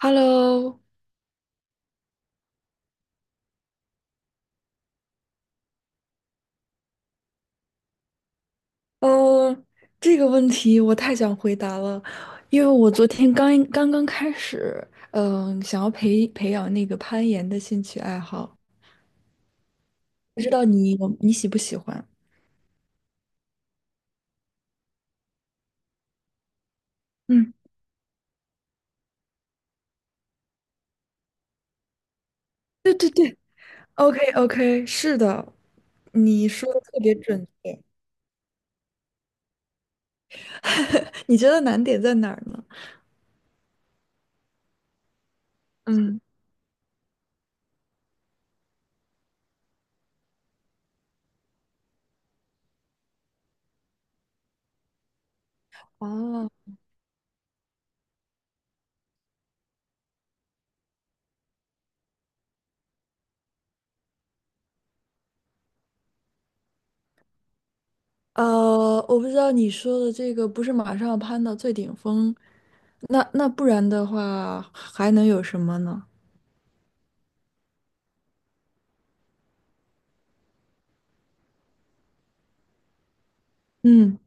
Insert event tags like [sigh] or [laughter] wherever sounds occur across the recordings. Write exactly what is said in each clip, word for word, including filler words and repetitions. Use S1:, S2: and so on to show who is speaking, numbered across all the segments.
S1: Hello，嗯，这个问题我太想回答了。因为我昨天刚刚刚开始，嗯，想要培培养那个攀岩的兴趣爱好，不知道你有你喜不喜欢？嗯，对对对，OK OK，是的，你说的特别准确。[laughs] 你觉得难点在哪儿呢？嗯。哦。呃，我不知道你说的这个不是马上攀到最顶峰，那那不然的话还能有什么呢？嗯。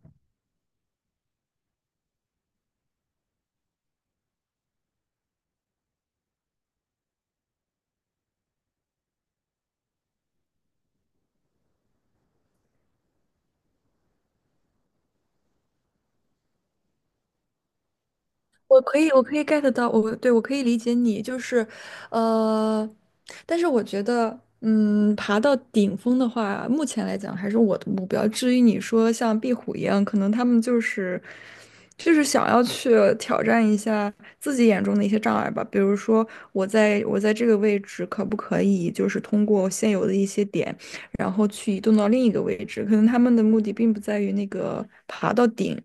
S1: 我可以，我可以 get 到，我对我可以理解你，就是，呃，但是我觉得，嗯，爬到顶峰的话，目前来讲还是我的目标。至于你说像壁虎一样，可能他们就是，就是想要去挑战一下自己眼中的一些障碍吧。比如说，我在我在这个位置可不可以，就是通过现有的一些点，然后去移动到另一个位置？可能他们的目的并不在于那个爬到顶。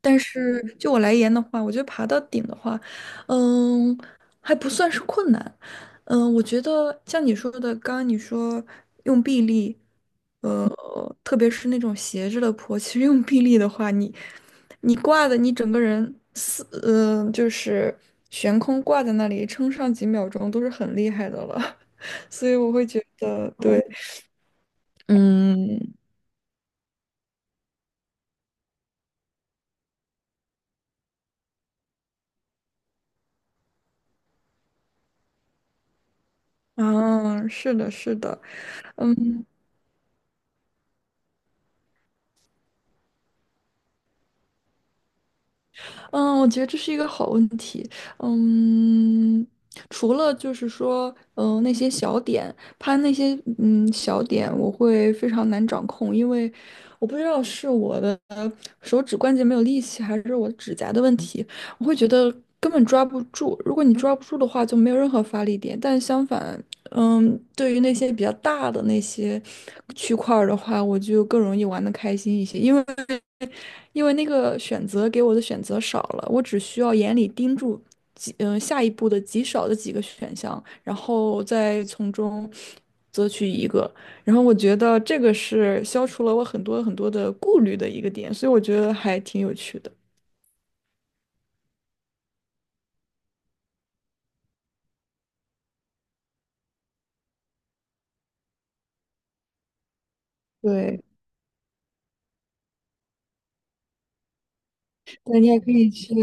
S1: 但是就我来言的话，我觉得爬到顶的话，嗯，还不算是困难。嗯，我觉得像你说的，刚刚你说用臂力，呃，特别是那种斜着的坡，其实用臂力的话，你你挂的，你整个人四，嗯、就是悬空挂在那里，撑上几秒钟都是很厉害的了。[laughs] 所以我会觉得，对。嗯。啊，是的，是的。嗯，我觉得这是一个好问题。嗯，除了就是说，嗯，那些小点，它那些嗯小点，我会非常难掌控。因为我不知道是我的手指关节没有力气，还是我指甲的问题，我会觉得根本抓不住。如果你抓不住的话，就没有任何发力点。但相反，嗯，对于那些比较大的那些区块儿的话，我就更容易玩的开心一些，因为。因为那个选择给我的选择少了，我只需要眼里盯住几嗯、呃下一步的极少的几个选项，然后再从中择取一个。然后我觉得这个是消除了我很多很多的顾虑的一个点，所以我觉得还挺有趣的。对。那你也可以去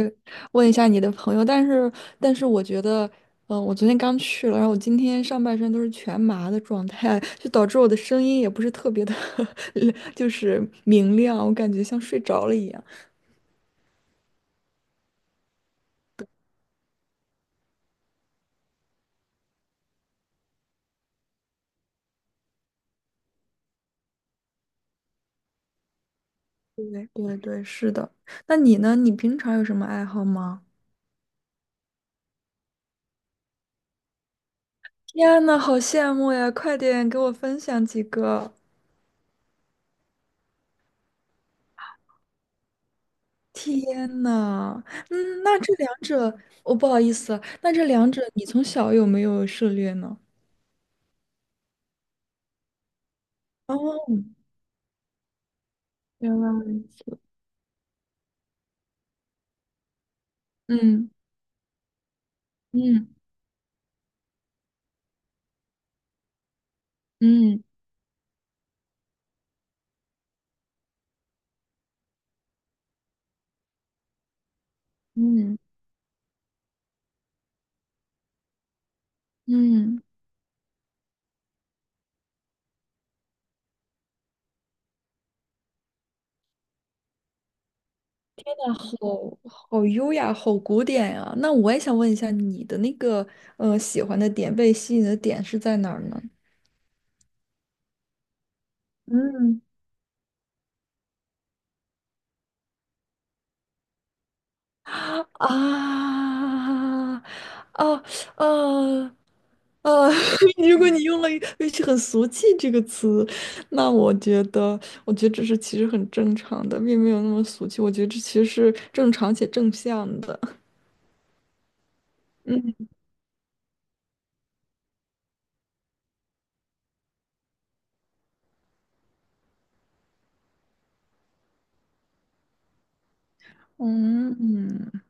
S1: 问一下你的朋友，但是，但是我觉得，嗯、我昨天刚去了，然后我今天上半身都是全麻的状态，[laughs] 就导致我的声音也不是特别的 [laughs] 就是明亮，我感觉像睡着了一样。对对对，是的。那你呢？你平常有什么爱好吗？天呐，好羡慕呀！快点给我分享几个。天呐，嗯，那这两者，我、不好意思啊，那这两者你从小有没有涉猎呢？哦，原来如此。嗯，嗯，嗯，嗯，嗯。那好好优雅，好古典呀、那我也想问一下，你的那个呃喜欢的点，被吸引的点是在哪儿呢？嗯。啊，啊，啊，啊！[laughs] 如果你用了一句很俗气这个词，那我觉得，我觉得这是其实很正常的，并没有那么俗气。我觉得这其实是正常且正向的。[laughs] 嗯，嗯，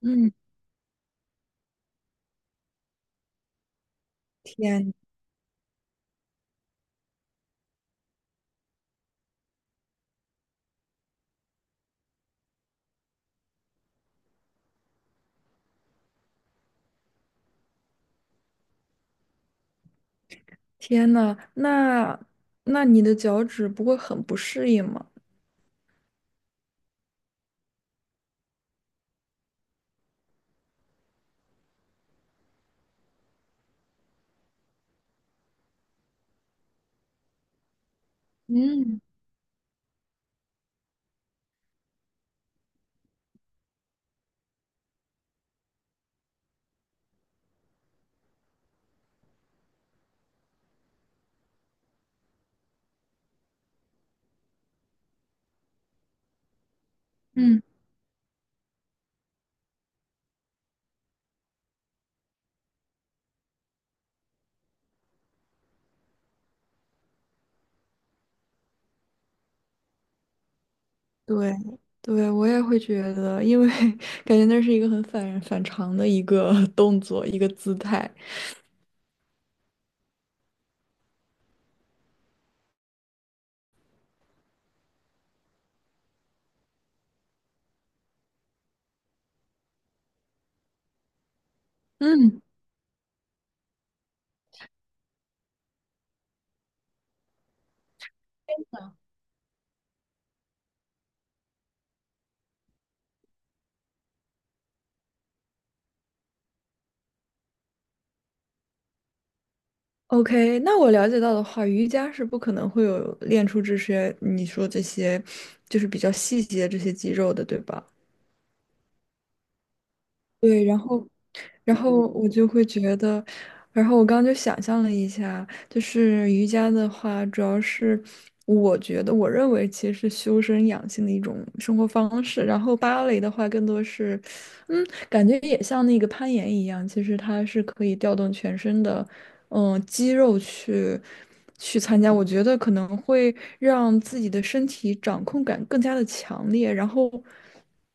S1: 嗯。天，天呐，那那你的脚趾不会很不适应吗？嗯。嗯，对，对，我也会觉得。因为 [laughs] 感觉那是一个很反反常的一个 [laughs] 动作，一个姿态。嗯。OK，那我了解到的话，瑜伽是不可能会有练出这些你说这些，就是比较细节这些肌肉的，对吧？然后我就会觉得，然后我刚刚就想象了一下，就是瑜伽的话，主要是我觉得，我认为其实是修身养性的一种生活方式。然后芭蕾的话，更多是，嗯，感觉也像那个攀岩一样，其实它是可以调动全身的，嗯，肌肉去去参加。我觉得可能会让自己的身体掌控感更加的强烈，然后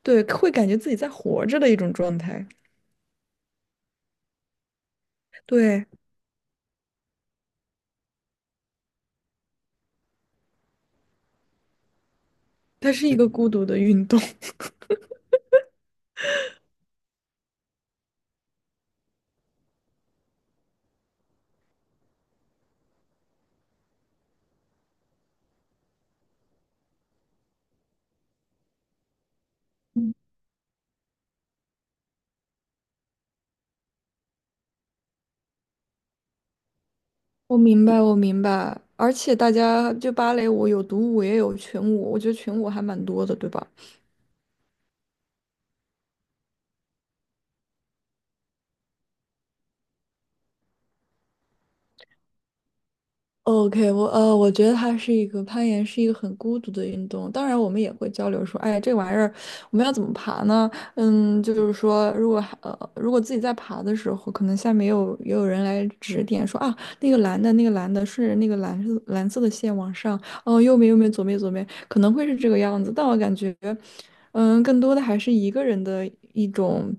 S1: 对，会感觉自己在活着的一种状态。对。它是一个孤独的运动。[laughs] 我明白，我明白。而且大家就芭蕾舞有独舞也有群舞，我觉得群舞还蛮多的，对吧？OK，我呃，我觉得它是一个攀岩，是一个很孤独的运动。当然，我们也会交流说，哎，这玩意儿我们要怎么爬呢？嗯，就是说，如果还呃，如果自己在爬的时候，可能下面也有也有人来指点说啊，那个蓝的，那个蓝的，顺着那个蓝色蓝色的线往上，哦，右面右面，左面左面，可能会是这个样子。但我感觉，嗯，更多的还是一个人的一种，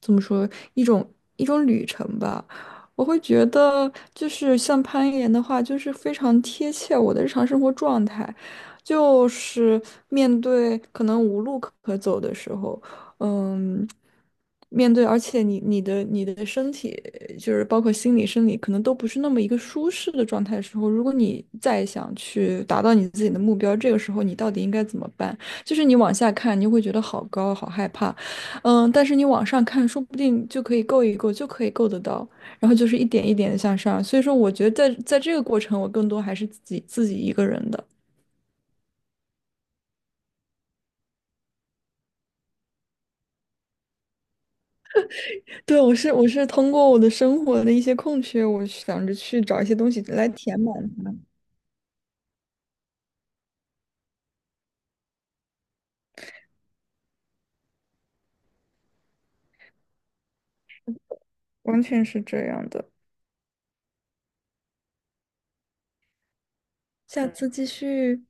S1: 怎么说，一种一种旅程吧。我会觉得，就是像攀岩的话，就是非常贴切我的日常生活状态，就是面对可能无路可可走的时候，嗯，面对，而且你你的你的身体，就是包括心理、生理，可能都不是那么一个舒适的状态的时候，如果你再想去达到你自己的目标，这个时候你到底应该怎么办？就是你往下看，你就会觉得好高，好害怕，嗯，但是你往上看，说不定就可以够一够，就可以够得到。然后就是一点一点的向上。所以说，我觉得在在这个过程，我更多还是自己自己一个人的。对，我是我是通过我的生活的一些空缺，我想着去找一些东西来填满它。完全是这样的。下次继续。